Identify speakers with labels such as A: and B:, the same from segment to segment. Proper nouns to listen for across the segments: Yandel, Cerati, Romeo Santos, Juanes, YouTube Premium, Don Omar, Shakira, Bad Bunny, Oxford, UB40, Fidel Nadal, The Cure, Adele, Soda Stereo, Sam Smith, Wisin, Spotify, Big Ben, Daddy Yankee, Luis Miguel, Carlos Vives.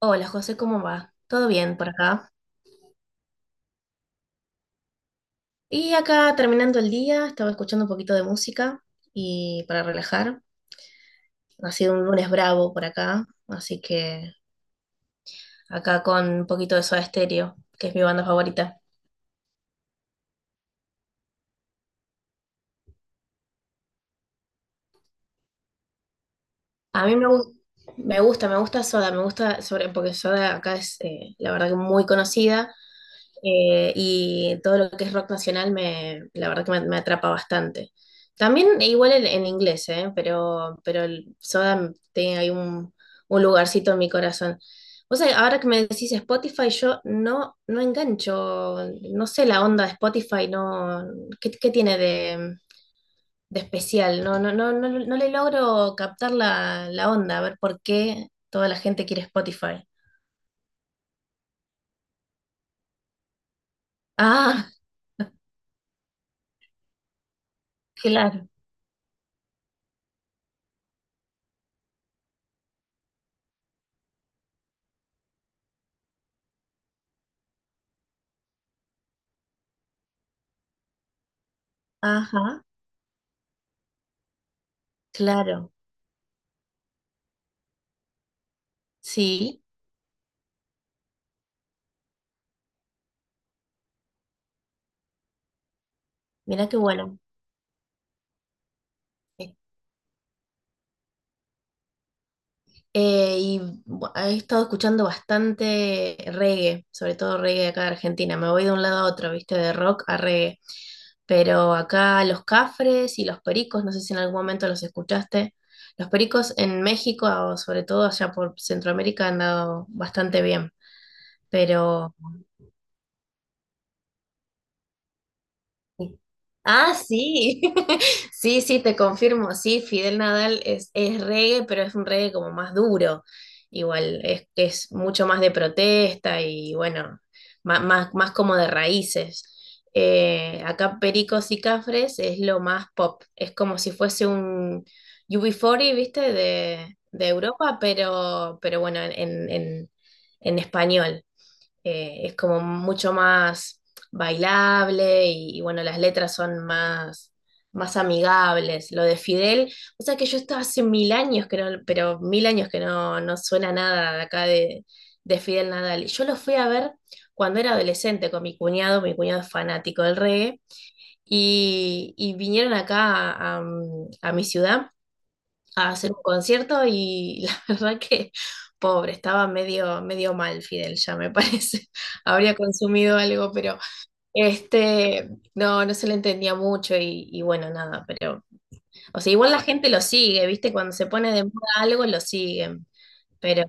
A: Hola José, ¿cómo va? ¿Todo bien por acá? Y acá terminando el día, estaba escuchando un poquito de música y para relajar. Ha sido un lunes bravo por acá, así que acá con un poquito de Soda Stereo, que es mi banda favorita. A mí me, gu- me gusta, Soda, me gusta sobre, porque Soda acá es la verdad que muy conocida. Y todo lo que es rock nacional me, la verdad que me atrapa bastante. También igual en inglés, ¿eh? Pero el Soda tiene ahí un lugarcito en mi corazón. O sea, ahora que me decís Spotify, yo no, no engancho, no sé la onda de Spotify, no, ¿qué tiene de especial? No, no, no, no, no le logro captar la onda, a ver por qué toda la gente quiere Spotify. Ah, claro, ajá, claro, sí. Mira qué bueno. Sí. Eh, y he estado escuchando bastante reggae, sobre todo reggae acá de Argentina. Me voy de un lado a otro, viste, de rock a reggae. Pero acá los Cafres y los Pericos, no sé si en algún momento los escuchaste. Los Pericos en México, o sobre todo allá por Centroamérica, han dado bastante bien. Pero sí. Ah, sí, sí, sí, te confirmo, sí, Fidel Nadal es reggae, pero es un reggae como más duro, igual, es mucho más de protesta y bueno, más, más, como de raíces. Acá Pericos y Cafres es lo más pop, es como si fuese un UB40, ¿viste? De Europa, pero bueno, en español, es como mucho más bailable y bueno, las letras son más, más amigables. Lo de Fidel, o sea que yo estaba hace mil años que no, pero mil años que no, no suena nada de acá de Fidel Nadal. Yo lo fui a ver cuando era adolescente con mi cuñado es fanático del reggae, y vinieron acá a mi ciudad a hacer un concierto y la verdad que pobre, estaba medio, medio mal Fidel, ya me parece. Habría consumido algo, pero este, no, no se le entendía mucho y bueno, nada, pero, o sea, igual la gente lo sigue, ¿viste? Cuando se pone de moda algo, lo siguen, pero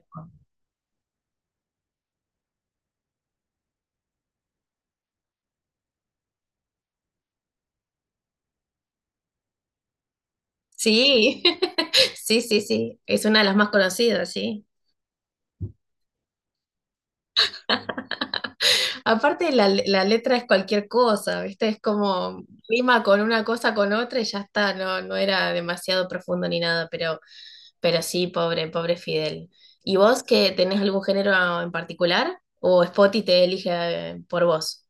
A: sí, sí, sí, sí, es una de las más conocidas, sí. Aparte, la letra es cualquier cosa, ¿viste? Es como rima con una cosa, con otra y ya está, no, no era demasiado profundo ni nada, pero... Pero sí, pobre, pobre Fidel. ¿Y vos que tenés algún género en particular? ¿O Spotty te elige por vos?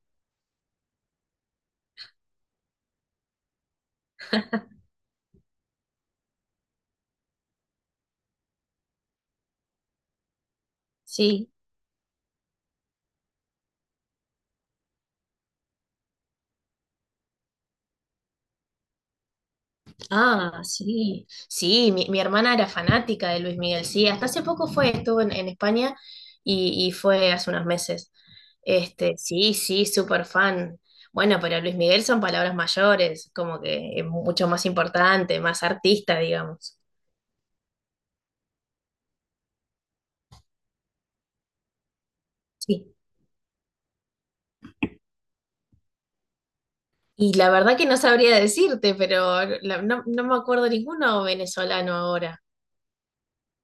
A: Sí. Ah, sí. Sí, mi hermana era fanática de Luis Miguel. Sí, hasta hace poco fue, estuvo en España y fue hace unos meses. Este, sí, sí, súper fan. Bueno, pero Luis Miguel son palabras mayores, como que es mucho más importante, más artista, digamos. Y la verdad que no sabría decirte, pero no, no me acuerdo ninguno venezolano ahora.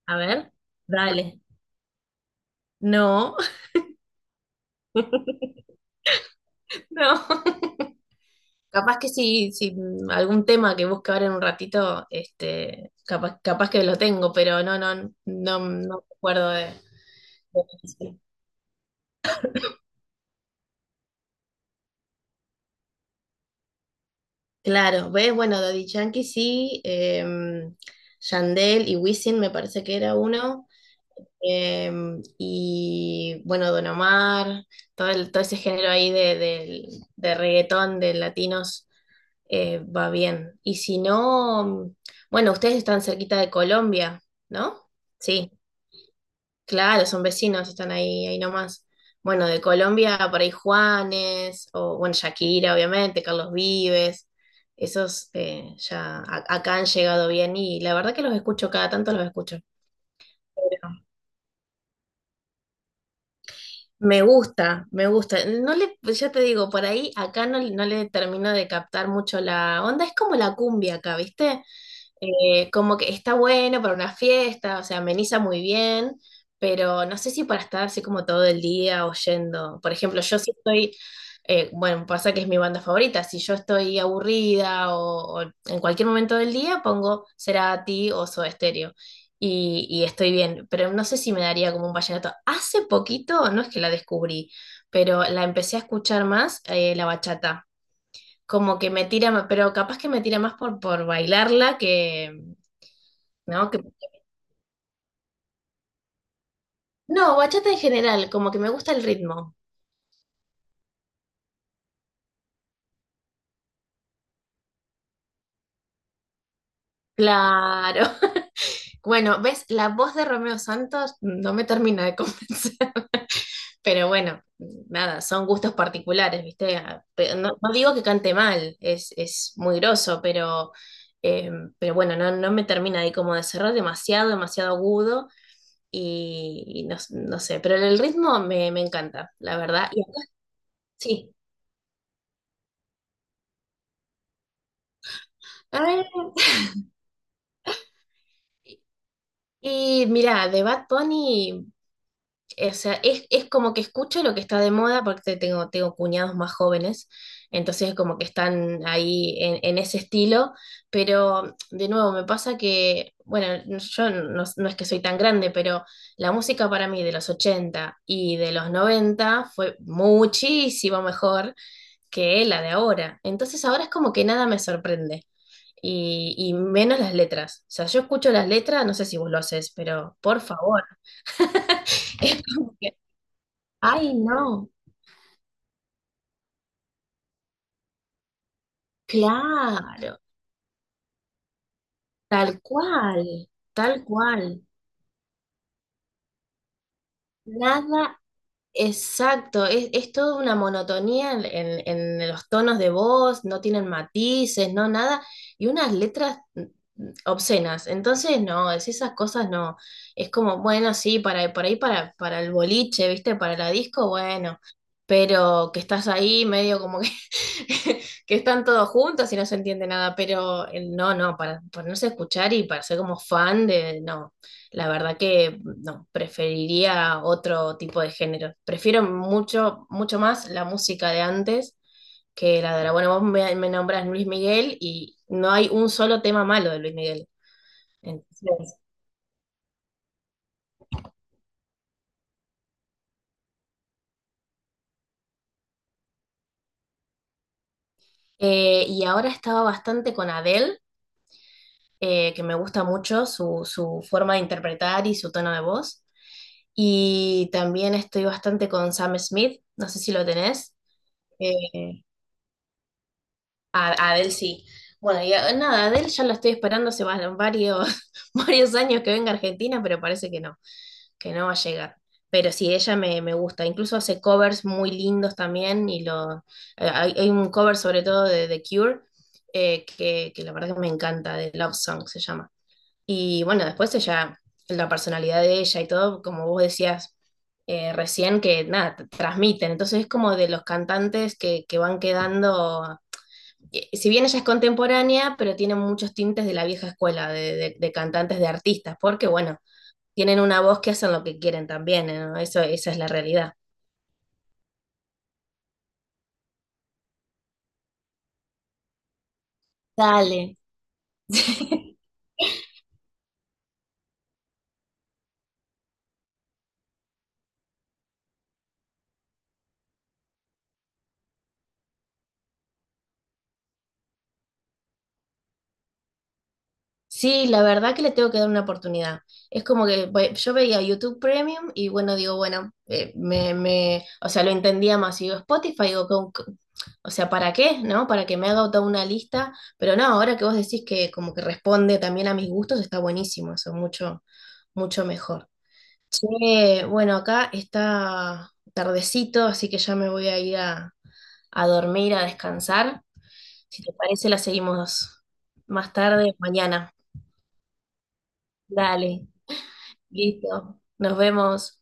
A: A ver, dale. No, no. Capaz que si algún tema que busque ahora en un ratito, este, capaz, capaz que lo tengo, pero no, no, no, no me acuerdo de. Claro, ves, bueno, Daddy Yankee sí, Yandel y Wisin me parece que era uno. Em, y bueno, Don Omar, todo, todo ese género ahí de reggaetón, de latinos, va bien. Y si no, bueno, ustedes están cerquita de Colombia, ¿no? Sí, claro, son vecinos, están ahí, ahí nomás. Bueno, de Colombia por ahí Juanes, o bueno, Shakira, obviamente, Carlos Vives, esos ya acá han llegado bien y la verdad que los escucho, cada tanto los escucho. Me gusta, me gusta. No le, pues ya te digo, por ahí acá no, no le termino de captar mucho la onda. Es como la cumbia acá, ¿viste? Como que está bueno para una fiesta, o sea, ameniza muy bien, pero no sé si para estar así como todo el día oyendo. Por ejemplo, yo sí estoy, bueno, pasa que es mi banda favorita, si yo estoy aburrida o en cualquier momento del día pongo Cerati o Soda Stereo y estoy bien, pero no sé si me daría como un vallenato. Hace poquito, no es que la descubrí, pero la empecé a escuchar más, la bachata como que me tira más, pero capaz que me tira más por bailarla que, ¿no? Que, no, bachata en general, como que me gusta el ritmo. Claro. Bueno, ves, la voz de Romeo Santos no me termina de convencer, pero bueno, nada, son gustos particulares, ¿viste? No, no digo que cante mal, es muy groso, eh, pero bueno, no, no me termina ahí como de cerrar demasiado, demasiado agudo y no, no sé, pero el ritmo me encanta, la verdad. Sí. Ah, y mira, de Bad Bunny, o sea, es como que escucho lo que está de moda porque tengo, tengo cuñados más jóvenes, entonces como que están ahí en ese estilo, pero de nuevo me pasa que, bueno, no, yo no, no es que soy tan grande, pero la música para mí de los 80 y de los 90 fue muchísimo mejor que la de ahora. Entonces ahora es como que nada me sorprende. Y menos las letras. O sea, yo escucho las letras, no sé si vos lo haces, pero por favor. Es como que, ay, no, claro, tal cual, tal cual. Nada. Exacto, es toda una monotonía en los tonos de voz, no tienen matices, no nada, y unas letras obscenas. Entonces, no, es esas cosas no. Es como, bueno, sí, para, por ahí para el boliche, ¿viste? Para la disco, bueno, pero que estás ahí medio como que que están todos juntos y no se entiende nada, pero no, no, para ponerse a escuchar y para ser como fan de, no, la verdad que no, preferiría otro tipo de género. Prefiero mucho, mucho más la música de antes que la de ahora. Bueno, vos me nombras Luis Miguel y no hay un solo tema malo de Luis Miguel. Entonces, y ahora estaba bastante con Adele, que me gusta mucho su forma de interpretar y su tono de voz. Y también estoy bastante con Sam Smith, no sé si lo tenés. Eh, a Adele sí. Bueno, nada, Adele ya lo estoy esperando hace varios, varios años que venga a Argentina, pero parece que no va a llegar. Pero sí, ella me gusta. Incluso hace covers muy lindos también, hay un cover sobre todo de The Cure, que la verdad que me encanta, de Love Song se llama. Y bueno, después ella, la personalidad de ella y todo, como vos decías recién, que nada, transmiten. Entonces es como de los cantantes que van quedando, si bien ella es contemporánea, pero tiene muchos tintes de la vieja escuela, de cantantes, de artistas, porque bueno, tienen una voz que hacen lo que quieren también, ¿no? Eso, esa es la realidad. Dale. Sí, la verdad que le tengo que dar una oportunidad. Es como que bueno, yo veía YouTube Premium y bueno, digo, bueno, me, o sea, lo entendía más. Y digo, Spotify, digo, o sea, ¿para qué? ¿No? Para que me haga toda una lista. Pero no, ahora que vos decís que como que responde también a mis gustos, está buenísimo, eso, mucho, mucho mejor. Che, bueno, acá está tardecito, así que ya me voy a ir a dormir, a descansar. Si te parece, la seguimos más tarde, mañana. Dale. Listo. Nos vemos.